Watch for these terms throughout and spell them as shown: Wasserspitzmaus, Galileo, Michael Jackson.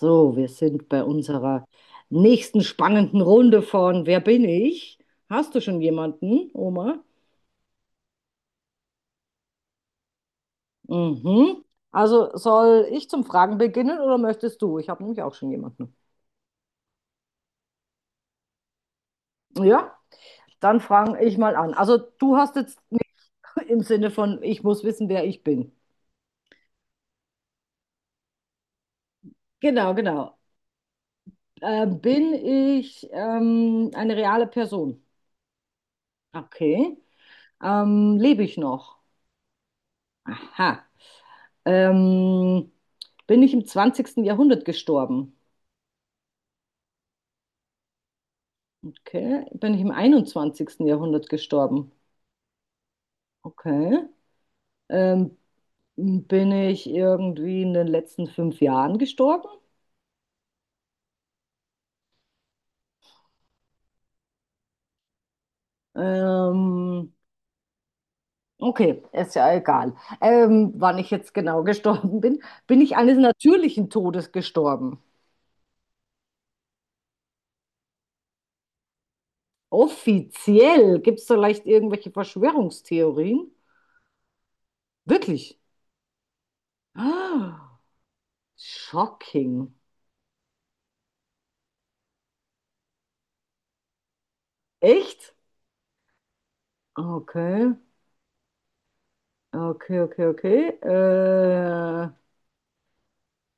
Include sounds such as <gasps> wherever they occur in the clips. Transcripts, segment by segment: So, wir sind bei unserer nächsten spannenden Runde von Wer bin ich? Hast du schon jemanden, Oma? Mhm. Also soll ich zum Fragen beginnen oder möchtest du? Ich habe nämlich auch schon jemanden. Ja, dann frage ich mal an. Also du hast jetzt nicht <laughs> im Sinne von, ich muss wissen, wer ich bin. Genau, genau. Bin ich eine reale Person? Okay. Lebe ich noch? Aha. Ähm, Bin ich im 20. Jahrhundert gestorben? Okay. Bin ich im 21. Jahrhundert gestorben? Okay. Ähm, Bin ich irgendwie in den letzten 5 Jahren gestorben? Ähm, okay, ist ja egal, wann ich jetzt genau <laughs> gestorben bin. Bin ich eines natürlichen Todes gestorben? Offiziell gibt es vielleicht irgendwelche Verschwörungstheorien? Wirklich? <gasps> Ah, shocking. Echt? Okay. Okay, okay, okay.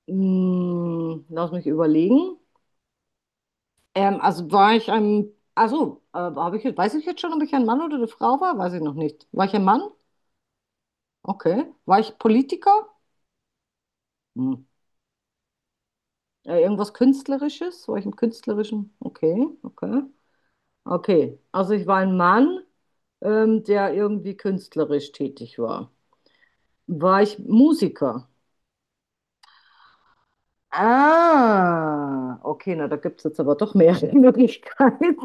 Mh, lass mich überlegen. Also war ich ein, also Habe ich, weiß ich jetzt schon, ob ich ein Mann oder eine Frau war? Weiß ich noch nicht. War ich ein Mann? Okay. War ich Politiker? Hm. Irgendwas Künstlerisches? War ich im Künstlerischen? Okay, okay. Okay. Also ich war ein Mann, der irgendwie künstlerisch tätig war. War ich Musiker? Ah, okay, na, da gibt es jetzt aber doch mehrere <laughs> Möglichkeiten.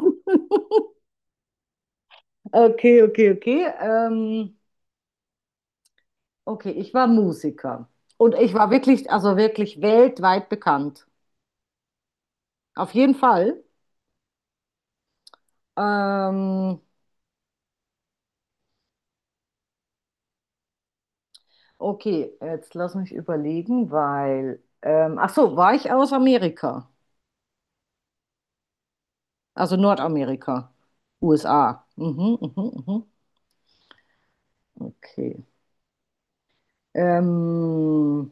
Okay, okay, okay. Okay, ich war Musiker. Und ich war wirklich, also wirklich weltweit bekannt. Auf jeden Fall. Ähm, okay, jetzt lass mich überlegen, weil, ach so, war ich aus Amerika? Also Nordamerika, USA. Mhm, mhm, mhm. Okay. Ähm,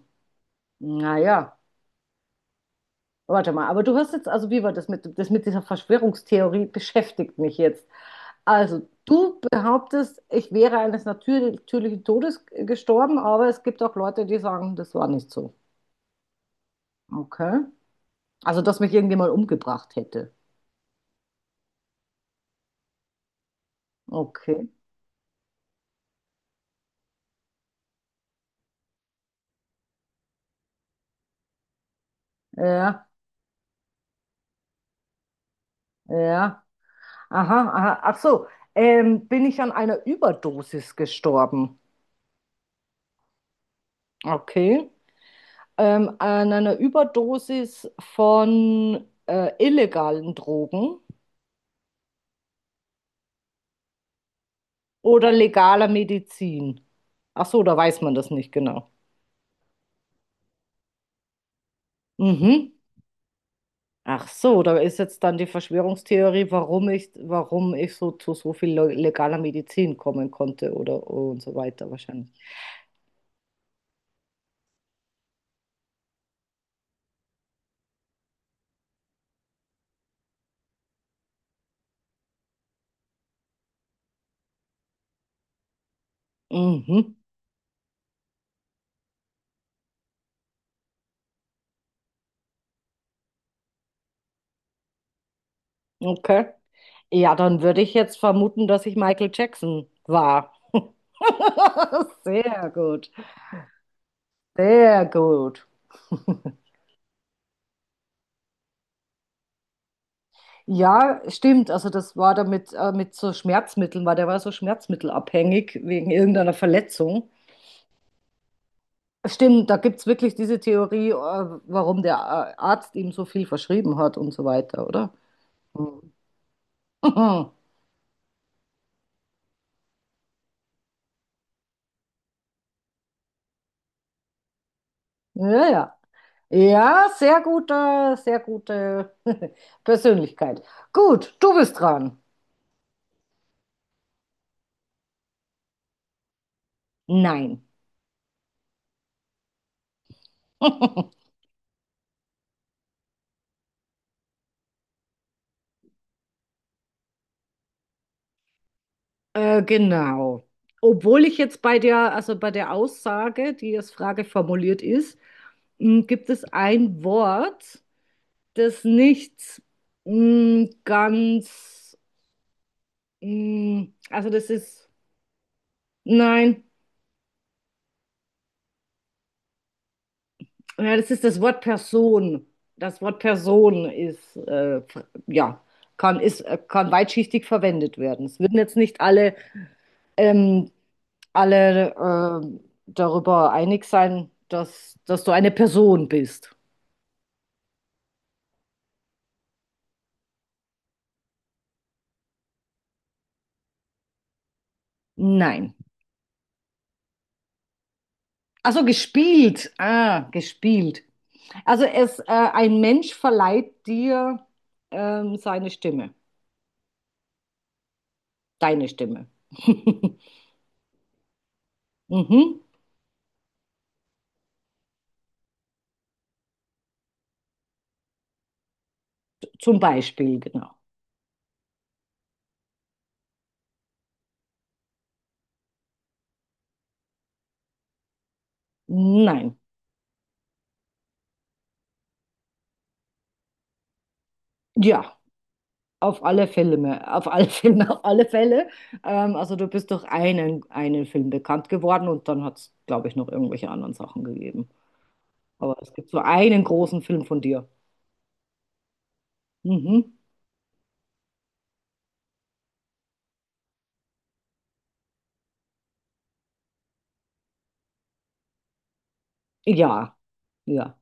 naja, warte mal, aber du hast jetzt, also wie war das mit dieser Verschwörungstheorie beschäftigt mich jetzt. Also, du behauptest, ich wäre eines natürlichen Todes gestorben, aber es gibt auch Leute, die sagen, das war nicht so. Okay. Also, dass mich irgendjemand umgebracht hätte. Okay. Ja, ja. Aha, aha. Ach so. Bin ich an einer Überdosis gestorben? Okay. An einer Überdosis von illegalen Drogen oder legaler Medizin? Ach so, da weiß man das nicht genau. Mhm. Ach so, da ist jetzt dann die Verschwörungstheorie, warum ich so zu so viel legaler Medizin kommen konnte oder und so weiter wahrscheinlich. Mhm, okay. Ja, dann würde ich jetzt vermuten, dass ich Michael Jackson war. <laughs> Sehr gut, sehr gut. <laughs> Ja, stimmt. Also das war da mit so Schmerzmitteln, weil der war so schmerzmittelabhängig wegen irgendeiner Verletzung. Stimmt, da gibt es wirklich diese Theorie, warum der Arzt ihm so viel verschrieben hat und so weiter, oder? Mhm. <laughs> Ja, ja. Ja, sehr gute <laughs> Persönlichkeit. Gut, du bist dran. Nein. <laughs> Genau. Obwohl ich jetzt bei der, also bei der Aussage, die als Frage formuliert ist, m, gibt es ein Wort, das nicht m, ganz, m, also das ist Nein, ja, das ist das Wort Person. Das Wort Person ist, ja, kann, ist, kann weitschichtig verwendet werden. Es würden jetzt nicht alle, ähm, alle äh, darüber einig sein, dass, dass du eine Person bist. Nein. Also gespielt. Ah, gespielt. Also es, ein Mensch verleiht dir seine Stimme, deine Stimme. <laughs> Mhm. Zum Beispiel, genau. Nein. Ja, auf alle Filme, auf alle <laughs> Filme, auf alle Fälle. Also du bist durch einen, einen Film bekannt geworden und dann hat es, glaube ich, noch irgendwelche anderen Sachen gegeben. Aber es gibt so einen großen Film von dir. Mhm. Ja, ja,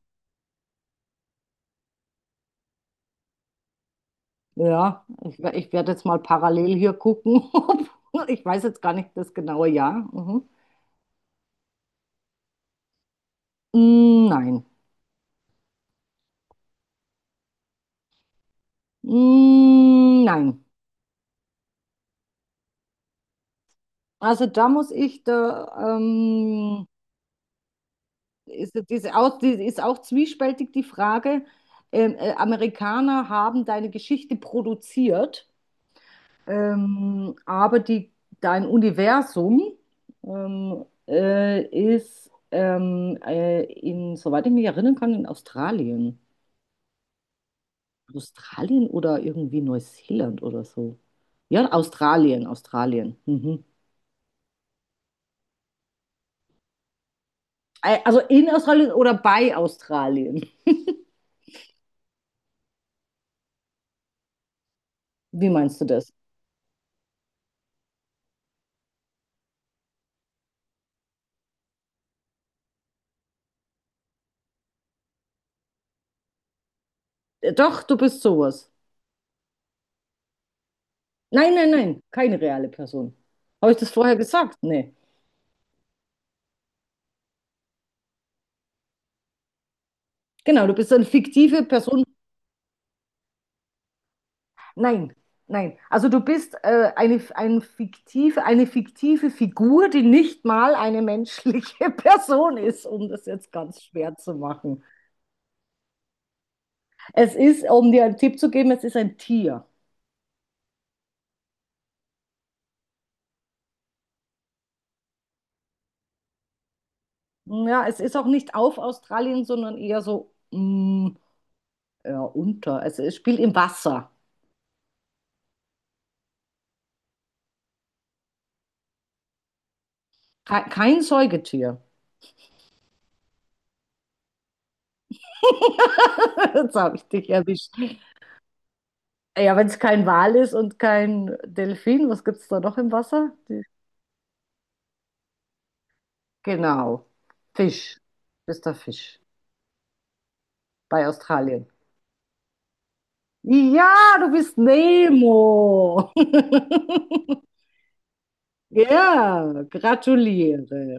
ja. Ich, ich werde jetzt mal parallel hier gucken. <laughs> ob- Ich weiß jetzt gar nicht das genaue Jahr. Mhm. Mm, Nein. Mm, Nein. Also da muss ich da, ist, ist auch zwiespältig die Frage. Amerikaner haben deine Geschichte produziert, aber die, dein Universum ähm, äh, ist, in, soweit ich mich erinnern kann, in Australien. Australien oder irgendwie Neuseeland oder so. Ja, Australien, Australien. Mhm. Also in Australien oder bei Australien. Wie meinst du das? Doch, du bist sowas. Nein, nein, nein, keine reale Person. Habe ich das vorher gesagt? Nee. Genau, du bist eine fiktive Person. Nein, nein. Also du bist eine fiktive Figur, die nicht mal eine menschliche <laughs> Person ist, um das jetzt ganz schwer zu machen. Es ist, um dir einen Tipp zu geben, es ist ein Tier. Ja, es ist auch nicht auf Australien, sondern eher so mm, ja, unter. Es spielt im Wasser. Kein, kein Säugetier. <laughs> Jetzt habe ich dich erwischt. Ja, wenn es kein Wal ist und kein Delfin, was gibt es da noch im Wasser? Die- Genau. Fisch. Bist der Fisch. Bei Australien. Ja, du bist Nemo. <laughs> Ja, gratuliere.